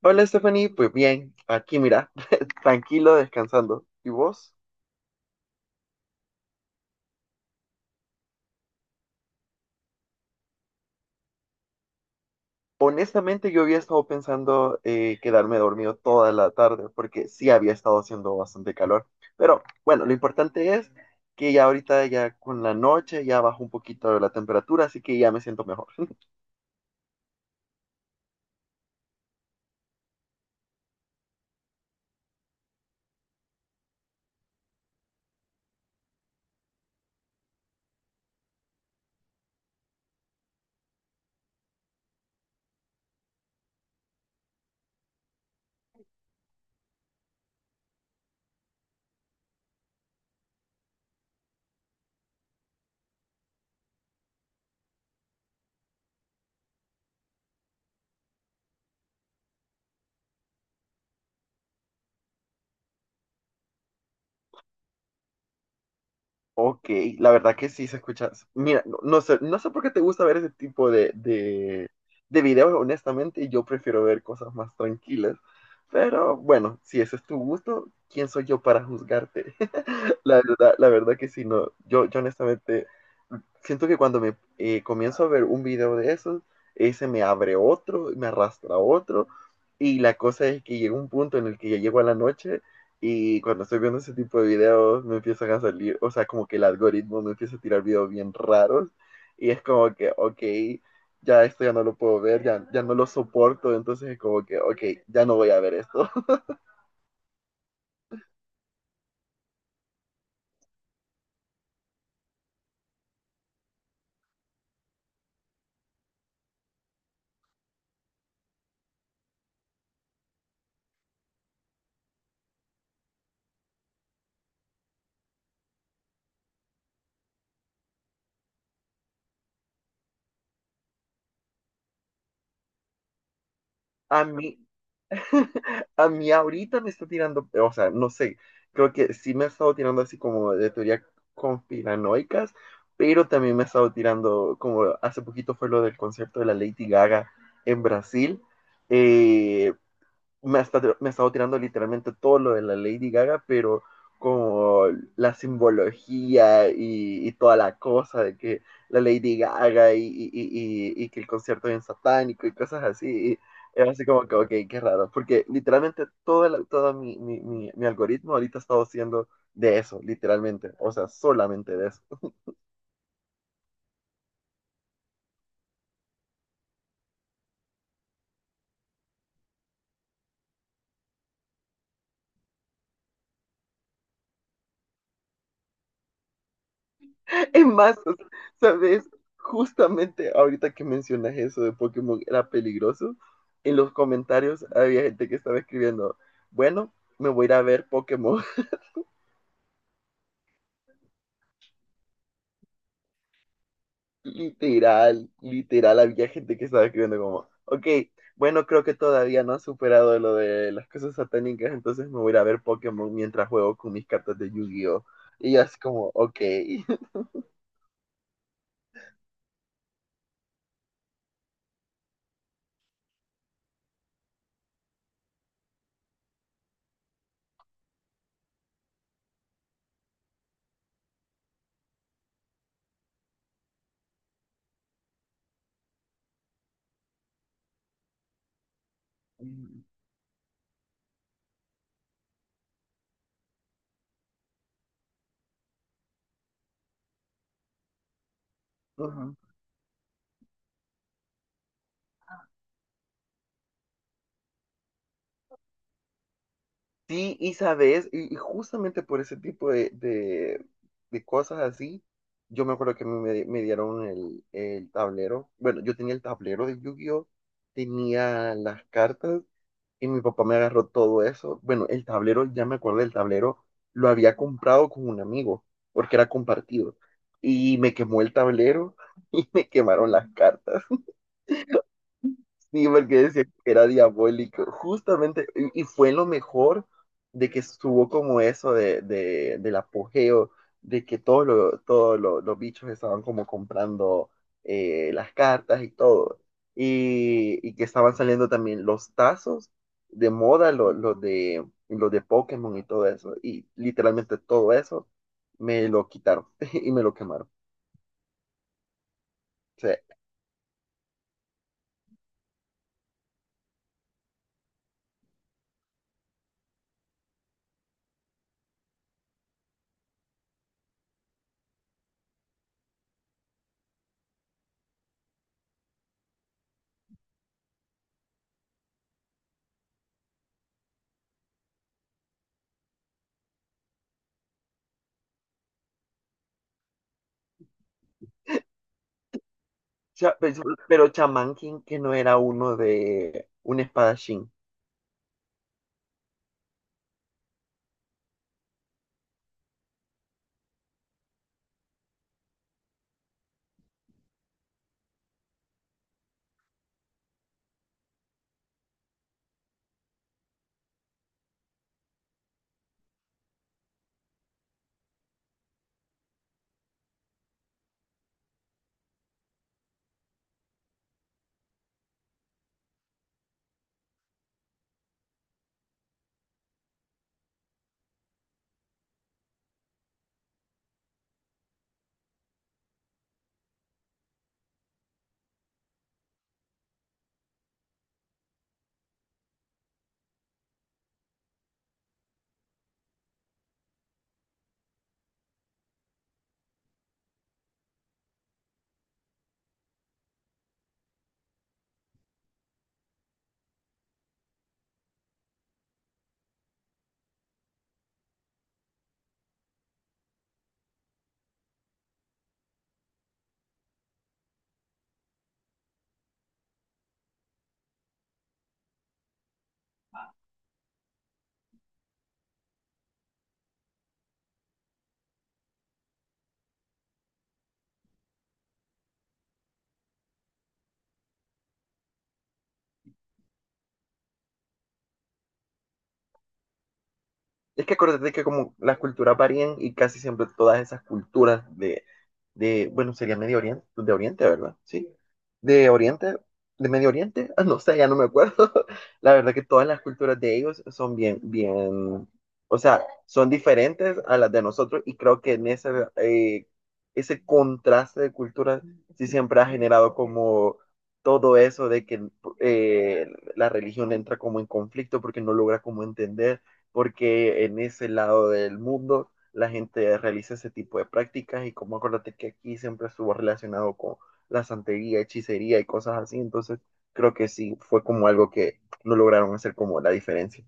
Hola Stephanie, pues bien, aquí mira, tranquilo, descansando. ¿Y vos? Honestamente yo había estado pensando quedarme dormido toda la tarde porque sí había estado haciendo bastante calor. Pero bueno, lo importante es que ya ahorita ya con la noche ya bajó un poquito la temperatura, así que ya me siento mejor. Ok, la verdad que sí se escucha. Mira, no, no sé por qué te gusta ver ese tipo de videos, honestamente, yo prefiero ver cosas más tranquilas. Pero bueno, si ese es tu gusto, ¿quién soy yo para juzgarte? La verdad que sí, no. Yo honestamente siento que cuando me comienzo a ver un video de esos, ese me abre otro, me arrastra a otro. Y la cosa es que llega un punto en el que ya llego a la noche y cuando estoy viendo ese tipo de videos me empiezan a salir, o sea, como que el algoritmo me empieza a tirar videos bien raros y es como que, ok, ya esto ya no lo puedo ver, ya, ya no lo soporto, entonces es como que, ok, ya no voy a ver esto. A mí, a mí ahorita me está tirando, o sea, no sé, creo que sí me ha estado tirando así como de teorías conspiranoicas, pero también me ha estado tirando, como hace poquito fue lo del concierto de la Lady Gaga en Brasil, eh, me ha estado tirando literalmente todo lo de la Lady Gaga, pero como la simbología y toda la cosa de que la Lady Gaga y que el concierto es bien satánico y cosas así. Y es así como que, ok, qué raro, porque literalmente todo, todo mi algoritmo ahorita ha estado siendo de eso, literalmente, o sea, solamente de eso. En más, o sea, ¿sabes? Justamente ahorita que mencionas eso de Pokémon era peligroso, en los comentarios había gente que estaba escribiendo, bueno, me voy a ir a ver Pokémon. Literal, literal, había gente que estaba escribiendo como, ok, bueno, creo que todavía no ha superado lo de las cosas satánicas, entonces me voy a ir a ver Pokémon mientras juego con mis cartas de Yu-Gi-Oh! Y yo así como, ok. Ujú. Sí, y sabes, y justamente por ese tipo de cosas así, yo me acuerdo que a mí me, me dieron el tablero. Bueno, yo tenía el tablero de Yu-Gi-Oh, tenía las cartas y mi papá me agarró todo eso. Bueno, el tablero, ya me acuerdo del tablero, lo había comprado con un amigo porque era compartido. Y me quemó el tablero y me quemaron las cartas. Sí, porque decía que era diabólico. Justamente, y fue lo mejor de que estuvo como eso de, del apogeo, de que los bichos estaban como comprando las cartas y todo. Y que estaban saliendo también los tazos de moda, los de Pokémon y todo eso. Y literalmente todo eso me lo quitaron y me lo quemaron. O sea, cha- pero, pero Shaman King, que no era uno de un espadachín. Es que acuérdate que como las culturas varían y casi siempre todas esas culturas de bueno, sería Medio Oriente, de Oriente, ¿verdad? Sí. De Oriente, de Medio Oriente, no sé, ya no me acuerdo. La verdad que todas las culturas de ellos son bien, bien, o sea, son diferentes a las de nosotros y creo que en ese, eh, ese contraste de culturas sí siempre ha generado como todo eso de que eh, la religión entra como en conflicto porque no logra como entender porque en ese lado del mundo la gente realiza ese tipo de prácticas y como acuérdate que aquí siempre estuvo relacionado con la santería, hechicería y cosas así, entonces creo que sí fue como algo que no lograron hacer como la diferencia.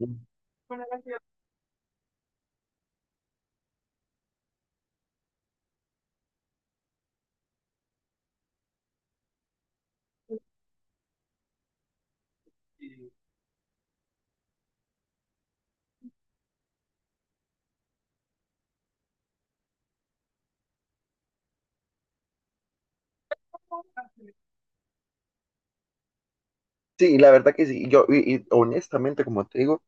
Mm. Sí, la verdad que sí. Yo, y honestamente, como te digo,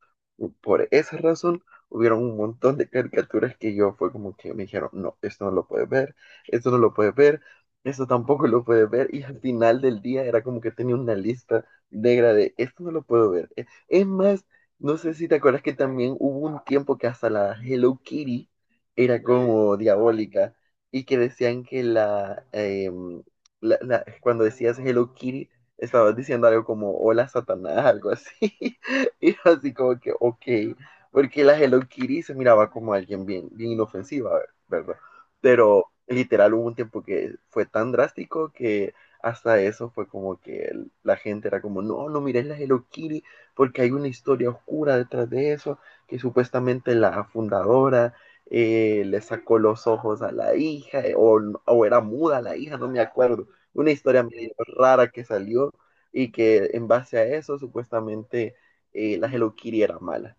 por esa razón hubieron un montón de caricaturas que yo fue como que me dijeron, no, esto no lo puedes ver, esto no lo puedes ver, esto tampoco lo puedes ver. Y al final del día era como que tenía una lista negra de, esto no lo puedo ver. Es más, no sé si te acuerdas que también hubo un tiempo que hasta la Hello Kitty era como diabólica y que decían que la, cuando decías Hello Kitty, estabas diciendo algo como hola Satanás, algo así. Y yo así como que, ok, porque la Hello Kitty se miraba como alguien bien, bien inofensiva, ¿verdad? Pero literal hubo un tiempo que fue tan drástico que hasta eso fue como que la gente era como, no, no mires la Hello Kitty porque hay una historia oscura detrás de eso, que supuestamente la fundadora le sacó los ojos a la hija o era muda la hija, no me acuerdo una historia medio rara que salió y que en base a eso supuestamente la Hello Kitty era mala.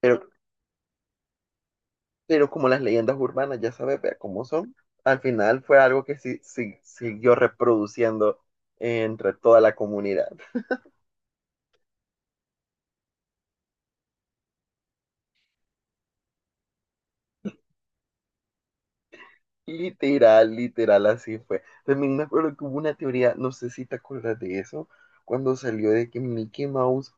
Pero, pero como las leyendas urbanas ya sabes vea cómo son, al final fue algo que sí, sí, siguió reproduciendo entre toda la comunidad. Literal, literal, así fue. También me acuerdo que hubo una teoría, no sé si te acuerdas de eso, cuando salió de que Mickey Mouse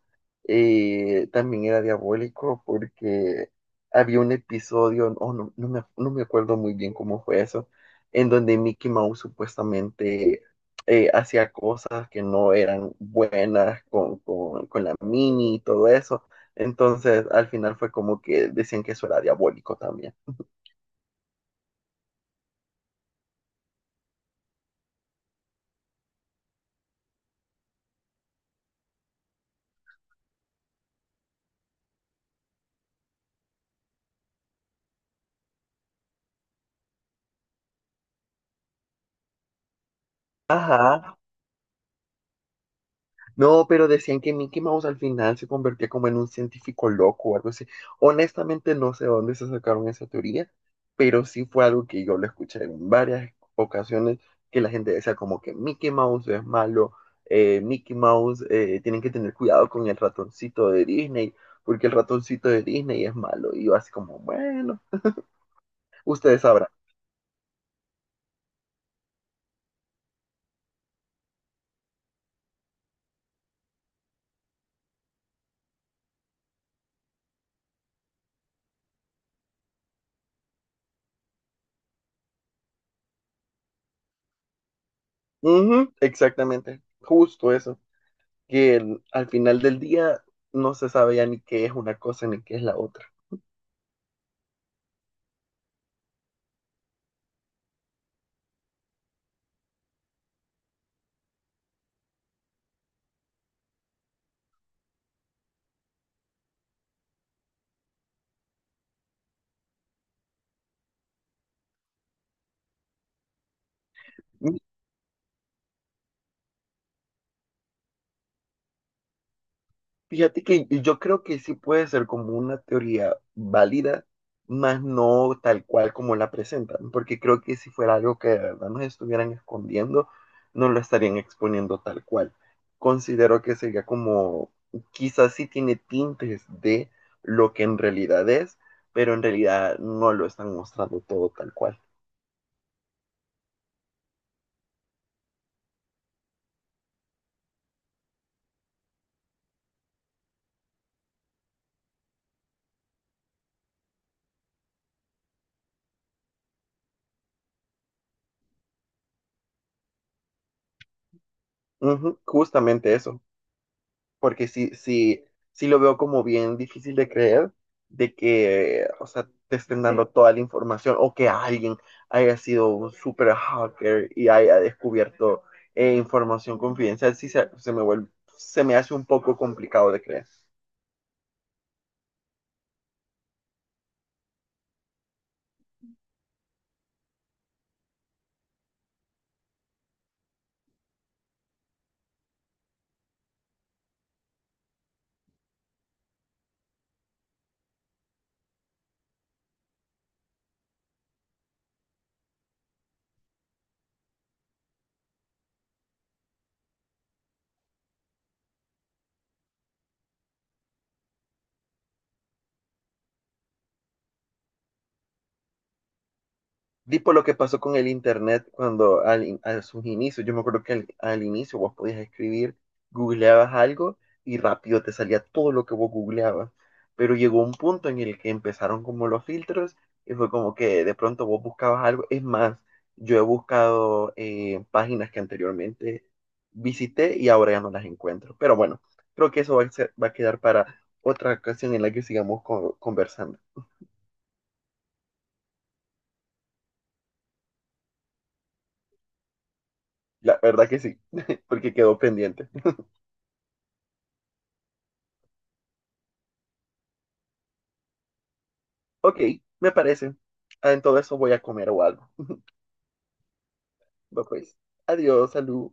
también era diabólico porque había un episodio, oh, no, no me acuerdo muy bien cómo fue eso, en donde Mickey Mouse supuestamente hacía cosas que no eran buenas con la Mini y todo eso. Entonces, al final fue como que decían que eso era diabólico también. Ajá. No, pero decían que Mickey Mouse al final se convertía como en un científico loco o algo así. Honestamente no sé de dónde se sacaron esa teoría, pero sí fue algo que yo lo escuché en varias ocasiones que la gente decía como que Mickey Mouse es malo, Mickey Mouse, tienen que tener cuidado con el ratoncito de Disney, porque el ratoncito de Disney es malo. Y yo así como, bueno, ustedes sabrán. Ujú, exactamente, justo eso, que al final del día no se sabe ya ni qué es una cosa ni qué es la otra. Mm. Fíjate que yo creo que sí puede ser como una teoría válida, más no tal cual como la presentan, porque creo que si fuera algo que de verdad nos estuvieran escondiendo, no lo estarían exponiendo tal cual. Considero que sería como, quizás sí tiene tintes de lo que en realidad es, pero en realidad no lo están mostrando todo tal cual. Ujú, justamente eso. Porque sí, sí, sí lo veo como bien difícil de creer de que, o sea, te estén dando toda la información o que alguien haya sido un super hacker y haya descubierto información confidencial, sí se me vuelve, se me hace un poco complicado de creer. Tipo lo que pasó con el internet cuando al, a sus inicios, yo me acuerdo que al, al inicio vos podías escribir, googleabas algo y rápido te salía todo lo que vos googleabas. Pero llegó un punto en el que empezaron como los filtros y fue como que de pronto vos buscabas algo. Es más, yo he buscado páginas que anteriormente visité y ahora ya no las encuentro. Pero bueno, creo que eso va a quedar para otra ocasión en la que sigamos conversando. La verdad que sí, porque quedó pendiente. Ok, me parece. Ah, en todo eso voy a comer o algo. Bueno, pues, adiós, salud.